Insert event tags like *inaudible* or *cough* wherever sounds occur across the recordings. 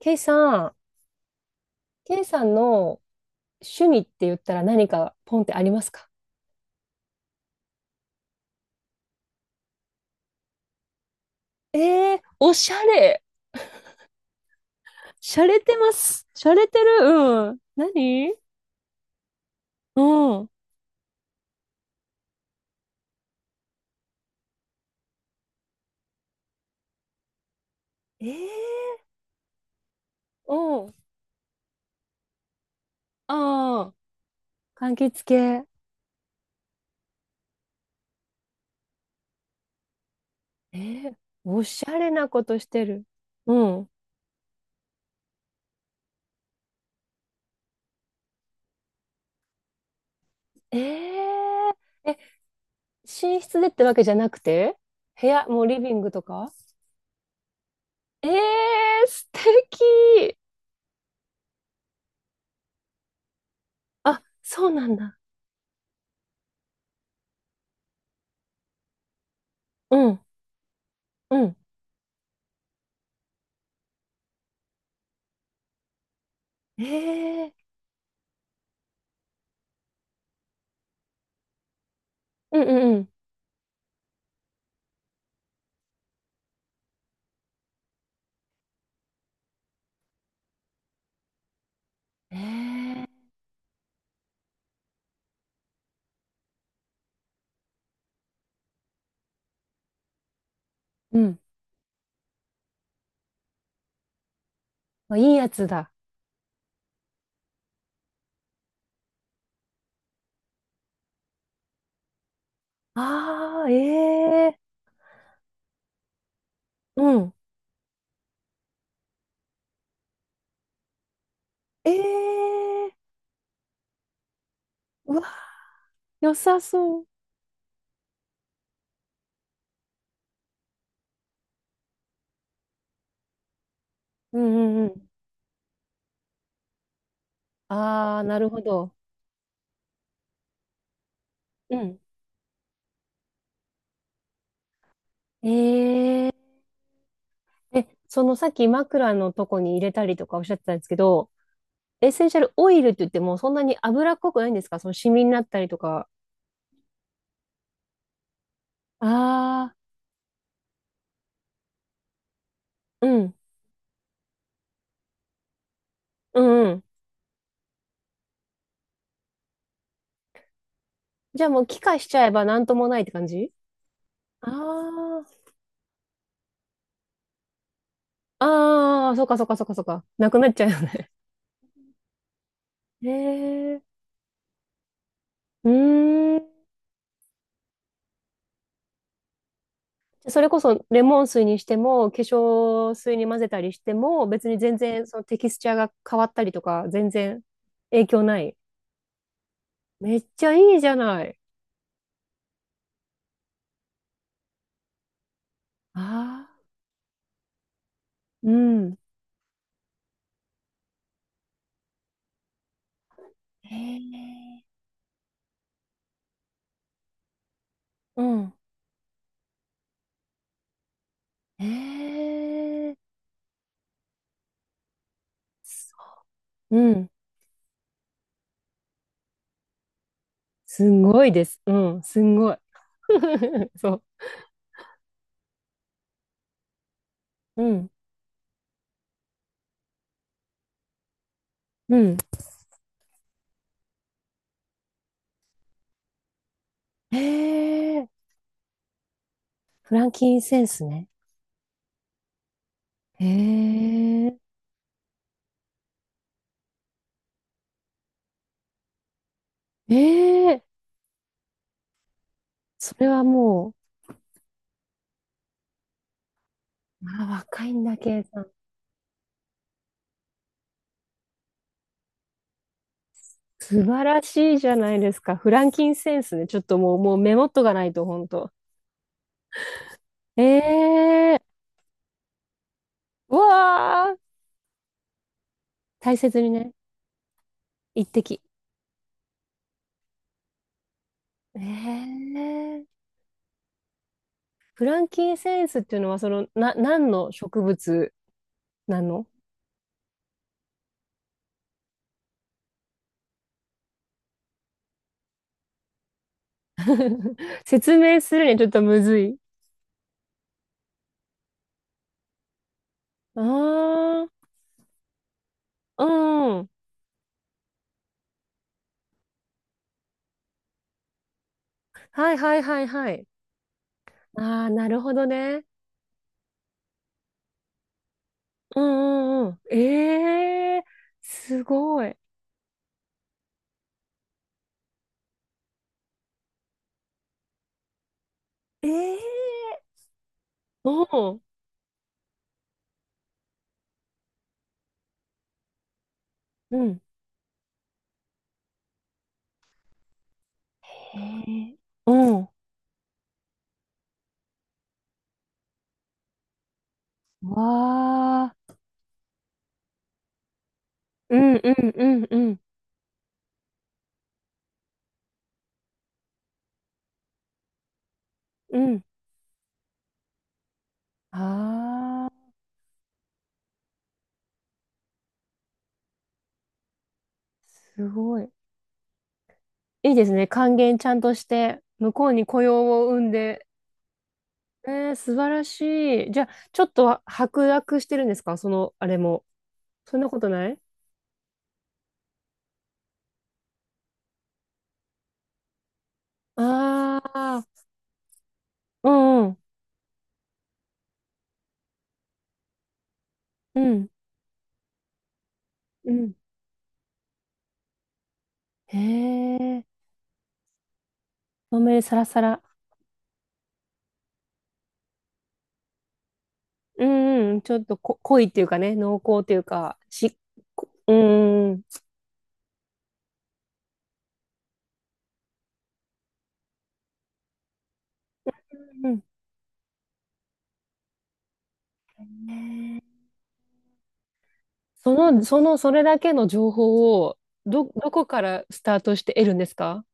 ケイさん、ケイさんの趣味って言ったら何かポンってありますか？おしゃれ。しゃれてます。しゃれてる。うん。何、うん。えー、うん。ああ、柑橘系。えー、おしゃれなことしてる。うん。えー、え、寝室でってわけじゃなくて部屋、もうリビングとか？素敵。あ、そうなんだ。うん。うん。えーうんうんうん。ええ、うん。まあいいやつだ。ああ、ええ、うん。ええ、うわ、良さそう。うんうんうん。ああ、なるほど。うん。えー、そのさっき枕のとこに入れたりとかおっしゃってたんですけど、エッセンシャルオイルって言ってもそんなに油っこくないんですか？そのシミになったりとか。ああ、うん。うんうん。じゃあもう気化しちゃえばなんともないって感じ？あ、ああー、ああ、そっかそっかそっかそっか。なくなっちゃうよね。へえ。うーん。じゃあそれこそレモン水にしても、化粧水に混ぜたりしても、別に全然そのテキスチャーが変わったりとか、全然影響ない？めっちゃいいじゃない。ああ、うん。へえ、うん。へえ、そう、うん。すごいです。うん。すんごい。*laughs* そう。うん。うん。へえ。フランキンセンスね。へえ。ええ。それはもう、あ、若いんだ、けイさん。素晴らしいじゃないですか。フランキンセンスね。ちょっともう、もうメモっとかないと、ほんと。ええー、うわー、大切にね、一滴。ええー、フランキンセンスっていうのは、その、何の植物なの？ *laughs* 説明するにはちょっとむずい。ああ、うん。はいはいはいはい。ああ、なるほどね。うんうんうん。ええー、すごい。ええー、うん。うん。へえ。うん。わあ。うんうんうんうんうん。ああ。すごい。いいですね。還元ちゃんとして、向こうに雇用を生んで。素晴らしい。じゃあ、ちょっとは白濁してるんですかその、あれも？そんなことない？ああー、うんうん、うん、うん。へえ、豆サラサラ。うんうん、ちょっとこ濃いっていうかね、濃厚っていうか、し、こうんうん、うん。ね、その、それだけの情報を、どこからスタートして得るんですか？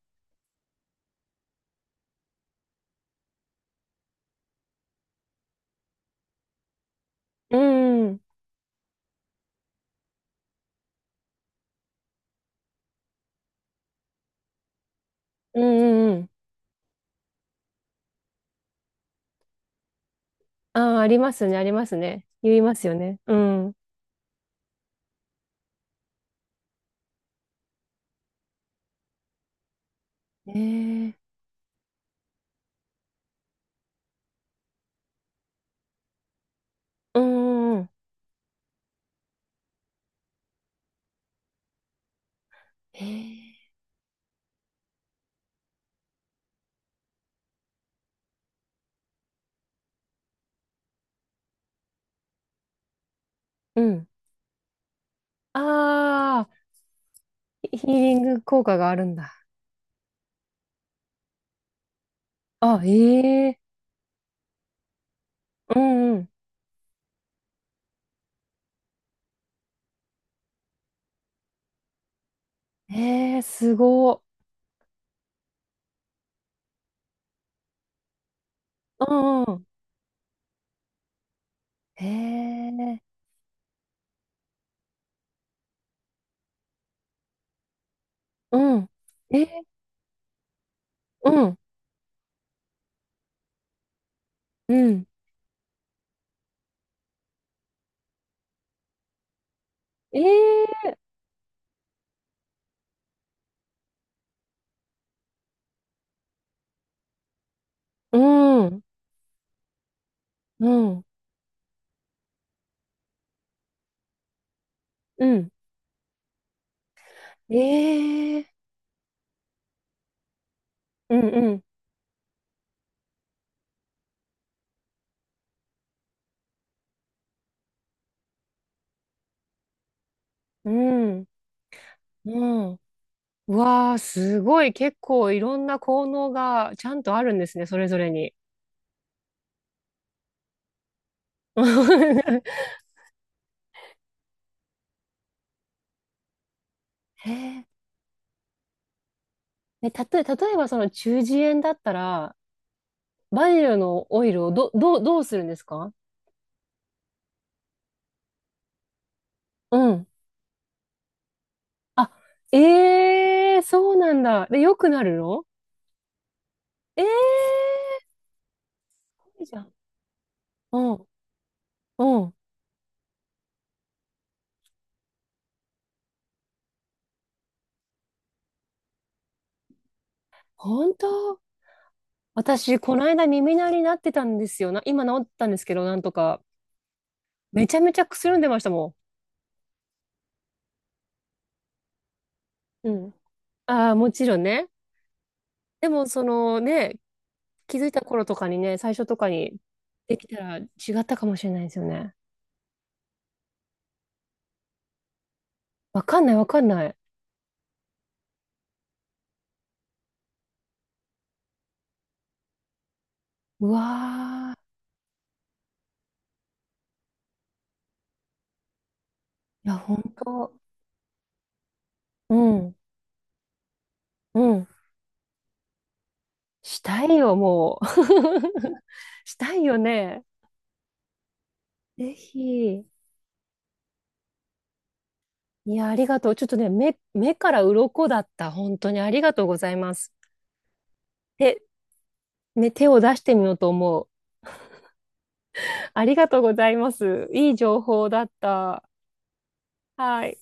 うん、うん、うん、うん。ああ、ありますね、ありますね。言いますよね。うん。ええ、うん、うん。ええ、うん。ああ、ヒヒーリング効果があるんだ。あ、ええ、うん、うん。ええ、すごい。うん、うん。ええ、うん。ええ、うん、うん。ええ、うん、うん、うん。ええ、うんうん。うん。うん。うわー、すごい。結構いろんな効能がちゃんとあるんですね、それぞれに。*laughs* へえ。え、たと、例えばその中耳炎だったら、バニルのオイルをどうするんですか？うん。あ、ええ、そうなんだ。で、良くなるの？ええ、いいじゃん。うん、うん。本当。私、この間耳鳴りになってたんですよな。今治ったんですけど、なんとか。めちゃめちゃくすんでましたもん。うん。ああ、もちろんね。でも、そのね、気づいた頃とかにね、最初とかにできたら違ったかもしれないですよね。わかんない、わかんない。うわー、いや、本当。うん、うん。したいよ、もう。*laughs* したいよね。ぜひ。いや、ありがとう。ちょっとね、目から鱗だった。本当にありがとうございます。で、ね、手を出してみようと思う。*laughs* ありがとうございます。いい情報だった。はい。